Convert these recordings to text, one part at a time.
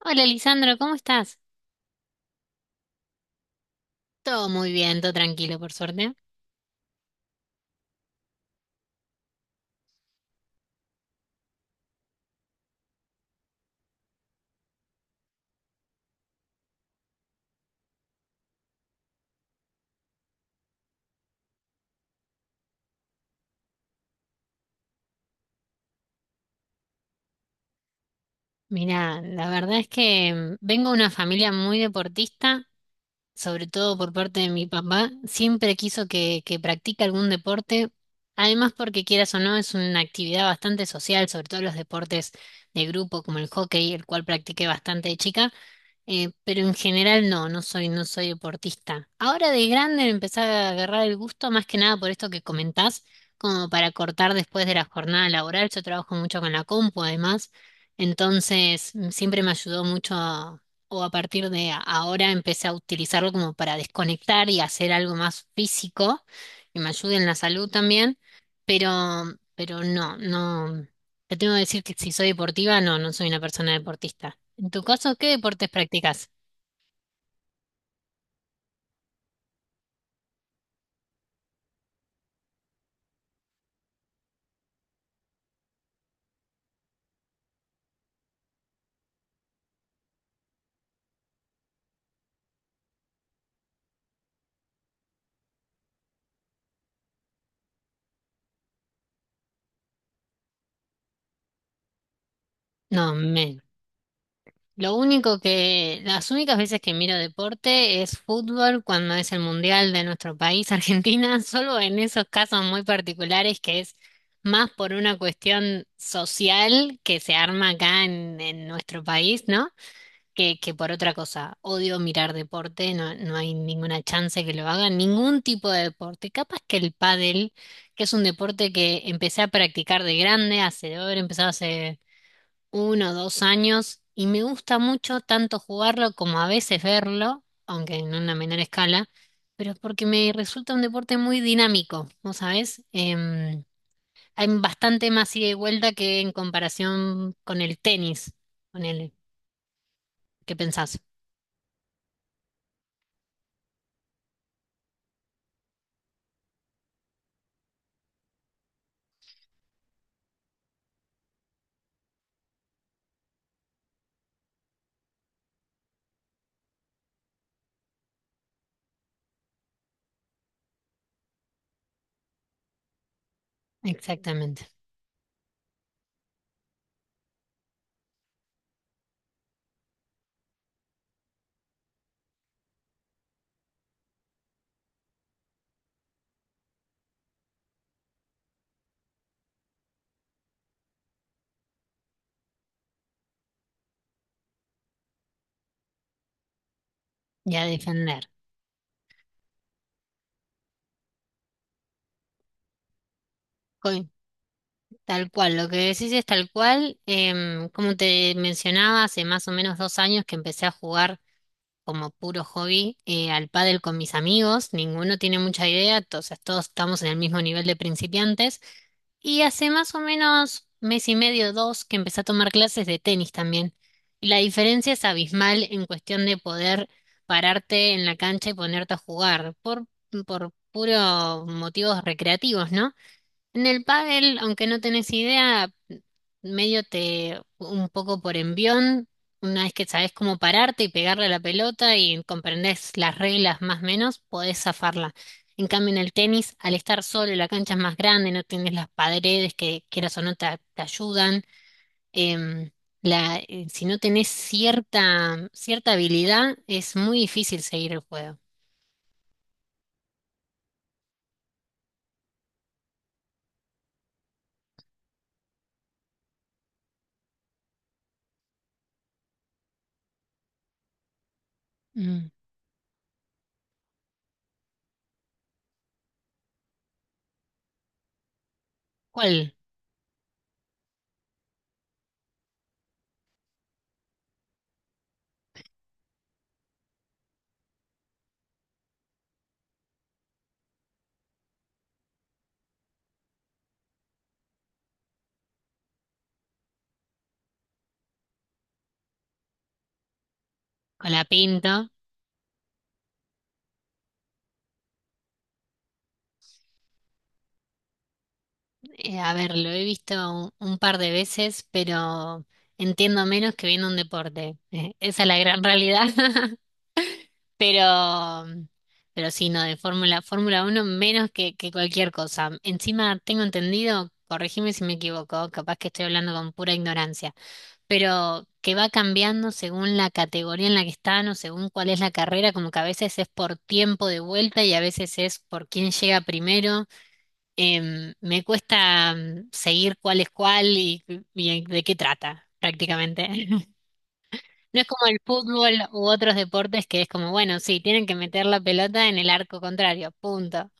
Hola, Lisandro, ¿cómo estás? Todo muy bien, todo tranquilo, por suerte. Mira, la verdad es que vengo de una familia muy deportista, sobre todo por parte de mi papá. Siempre quiso que practique algún deporte, además porque quieras o no, es una actividad bastante social, sobre todo los deportes de grupo como el hockey, el cual practiqué bastante de chica. Pero en general no, no soy deportista. Ahora de grande me empecé a agarrar el gusto más que nada por esto que comentás, como para cortar después de la jornada laboral. Yo trabajo mucho con la compu además, entonces siempre me ayudó mucho a- o a partir de a- ahora empecé a utilizarlo como para desconectar y hacer algo más físico, que me ayude en la salud también, pero, pero no, no, te tengo que decir que si soy deportiva, no, no soy una persona deportista. En tu caso, ¿qué deportes practicas? No, men. Lo único que, las únicas veces que miro deporte es fútbol cuando es el mundial de nuestro país, Argentina, solo en esos casos muy particulares que es más por una cuestión social que se arma acá en nuestro país, ¿no? Que por otra cosa. Odio mirar deporte, no, no hay ninguna chance que lo haga, ningún tipo de deporte. Capaz que el pádel, que es un deporte que empecé a practicar de grande, hace, debo haber empezado hace 1 o 2 años y me gusta mucho tanto jugarlo como a veces verlo, aunque en una menor escala, pero es porque me resulta un deporte muy dinámico, ¿vos sabés? Hay bastante más ida y vuelta que en comparación con el tenis, con el, ¿qué pensás? Exactamente. Y a defender. Co- Tal cual, lo que decís es tal cual. Como te mencionaba, hace más o menos 2 años que empecé a jugar como puro hobby, al pádel con mis amigos, ninguno tiene mucha idea, o sea, todos estamos en el mismo nivel de principiantes y hace más o menos mes y medio, dos, que empecé a tomar clases de tenis también. Y la diferencia es abismal en cuestión de poder pararte en la cancha y ponerte a jugar por puros motivos recreativos, ¿no? En el pádel, aunque no tenés idea, medio te un poco por envión, una vez que sabés cómo pararte y pegarle a la pelota y comprendés las reglas más o menos, podés zafarla. En cambio, en el tenis, al estar solo, la cancha es más grande, no tienes las paredes que quieras o no te ayudan. em, si no tenés cierta habilidad, es muy difícil seguir el juego. Mm. ¿Cuál? Con la pinto. A ver, lo he visto un par de veces, pero entiendo menos que viendo un deporte. Esa es la gran realidad. Pero, pero sí, no, de Fórmula 1 menos que cualquier cosa. Encima tengo entendido, corregime si me equivoco, capaz que estoy hablando con pura ignorancia, pero que va cambiando según la categoría en la que están o según cuál es la carrera, como que a veces es por tiempo de vuelta y a veces es por quién llega primero. Me cuesta seguir cuál es cuál y de qué trata, prácticamente. No es como el fútbol u otros deportes que es como, bueno, sí, tienen que meter la pelota en el arco contrario, punto.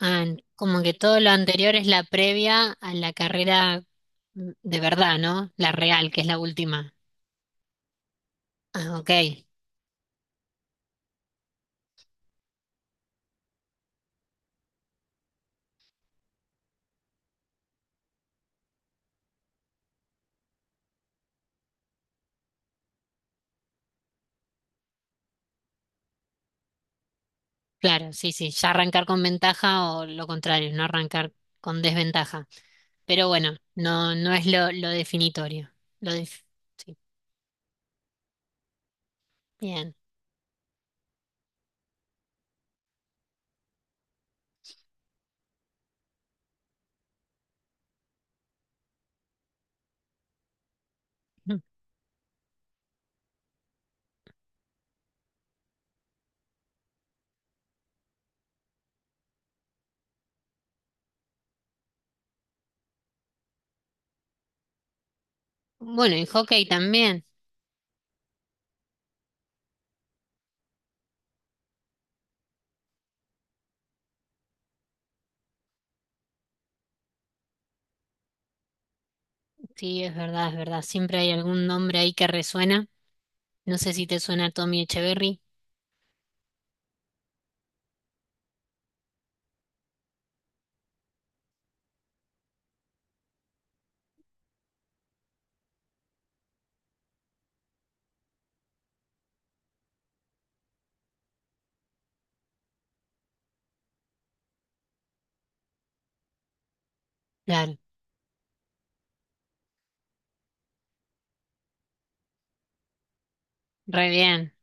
Ah, como que todo lo anterior es la previa a la carrera, de verdad, ¿no? La real, que es la última. Ah, ok, claro, sí, sí, ya arrancar con ventaja o lo contrario, no arrancar con desventaja. Pero bueno, no, no es lo definitorio. Lo def- sí. Bien. Ujú. Bueno, y hockey también. Sí, es verdad, es verdad. Siempre hay algún nombre ahí que resuena. No sé si te suena Tommy Echeverry. Claro, re bien.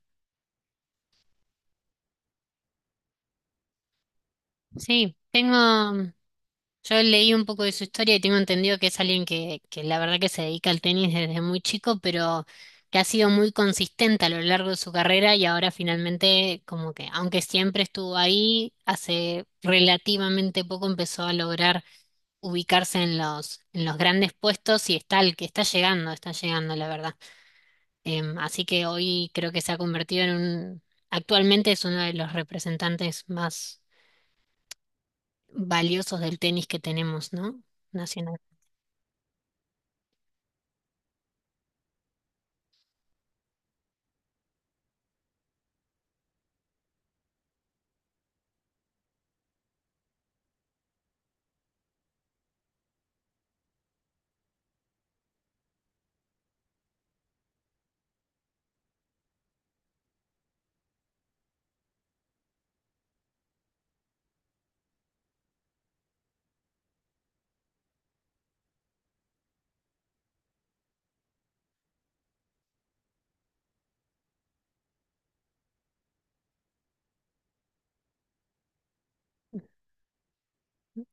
Sí, tengo. mm, Yo leí un poco de su historia y tengo entendido que es alguien que la verdad que se dedica al tenis desde muy chico, pero que ha sido muy consistente a lo largo de su carrera y ahora finalmente, como que, aunque siempre estuvo ahí, hace relativamente poco empezó a lograr ubicarse en los grandes puestos y está el que está llegando, la verdad. Así que hoy creo que se ha convertido en un, actualmente es uno de los representantes más valiosos del tenis que tenemos, ¿no? Nacional,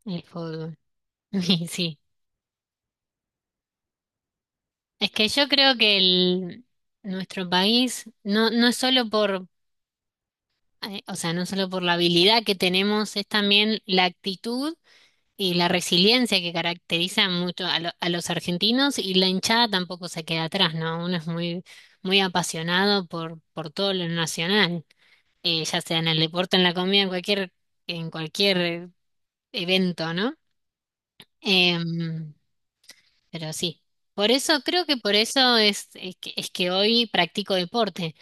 el fútbol. Y sí, es que yo creo que el, nuestro país no, no es solo por, o sea, no solo por la habilidad que tenemos, es también la actitud y la resiliencia que caracteriza mucho a, a los argentinos, y la hinchada tampoco se queda atrás, ¿no? Uno es muy, muy apasionado por todo lo nacional, ya sea en el deporte, en la comida, en cualquier evento, ¿no? Em, pero sí, por eso creo que por eso es que hoy practico deporte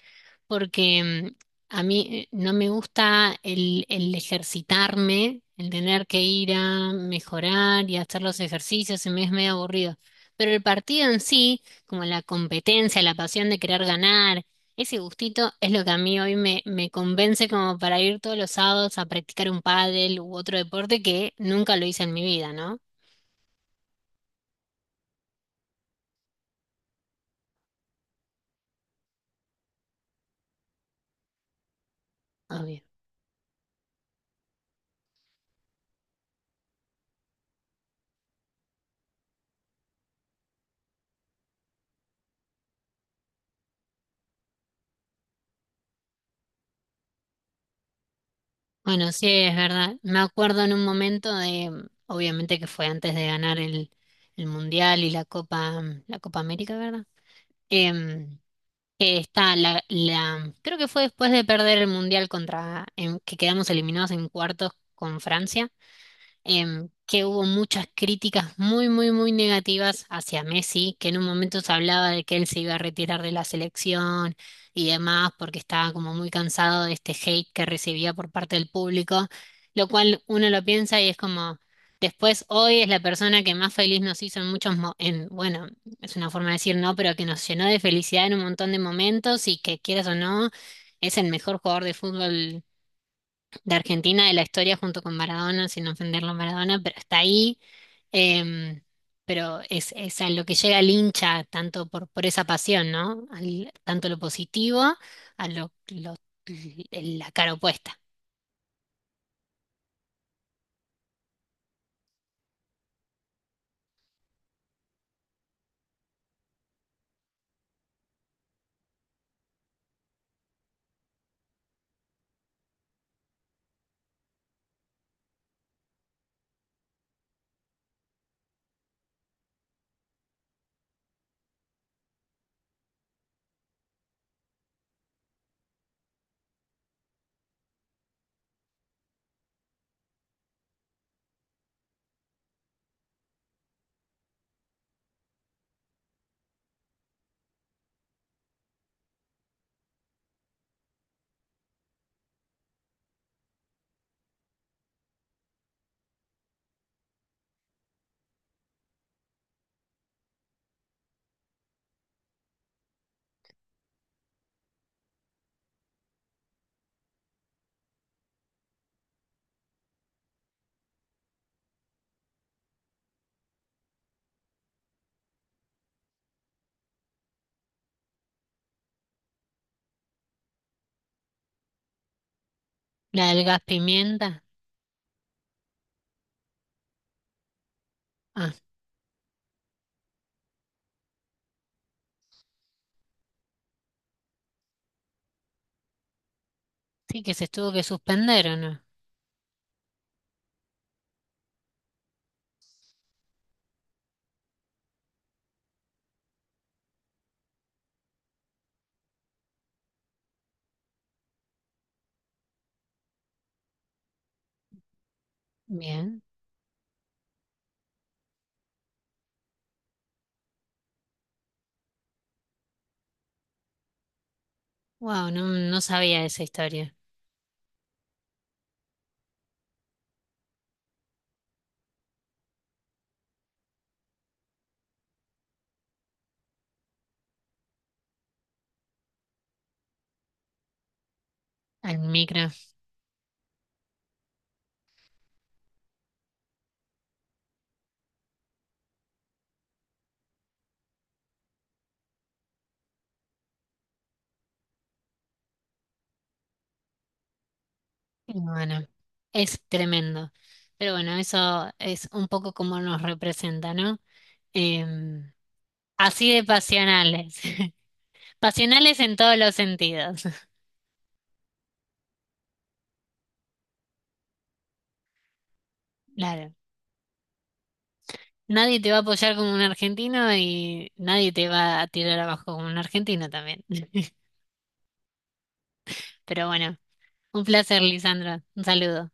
porque a mí no me gusta el ejercitarme, el tener que ir a mejorar y hacer los ejercicios, se me es medio aburrido. Pero el partido en sí, como la competencia, la pasión de querer ganar, ese gustito es lo que a mí hoy me, me convence como para ir todos los sábados a practicar un pádel u otro deporte que nunca lo hice en mi vida, ¿no? Obvio. Bueno, sí, es verdad. Me acuerdo en un momento de, obviamente que fue antes de ganar el Mundial y la Copa, la Copa América, ¿verdad? Em, que está la, la, creo que fue después de perder el Mundial contra, en, que quedamos eliminados en cuartos con Francia, que hubo muchas críticas muy, muy, muy negativas hacia Messi, que en un momento se hablaba de que él se iba a retirar de la selección y demás, porque estaba como muy cansado de este hate que recibía por parte del público, lo cual uno lo piensa y es como, después hoy es la persona que más feliz nos hizo en muchos, en, bueno, es una forma de decir no, pero que nos llenó de felicidad en un montón de momentos y que quieras o no, es el mejor jugador de fútbol de Argentina de la historia junto con Maradona, sin ofenderlo a Maradona, pero está ahí. em, pero es a lo que llega el hincha, tanto por esa pasión, ¿no? Tanto lo positivo a lo, la cara opuesta. La del gas pimienta. Ah, sí, que se tuvo que suspender, ¿o no? Bien. Wow, no, no sabía esa historia. Al micro. Y bueno, es tremendo. Pero bueno, eso es un poco como nos representa, ¿no? Em, Así de pasionales. Pasionales en todos los sentidos. Claro. Nadie te va a apoyar como un argentino y nadie te va a tirar abajo como un argentino también. Pero bueno, un placer, Lisandro. Un saludo.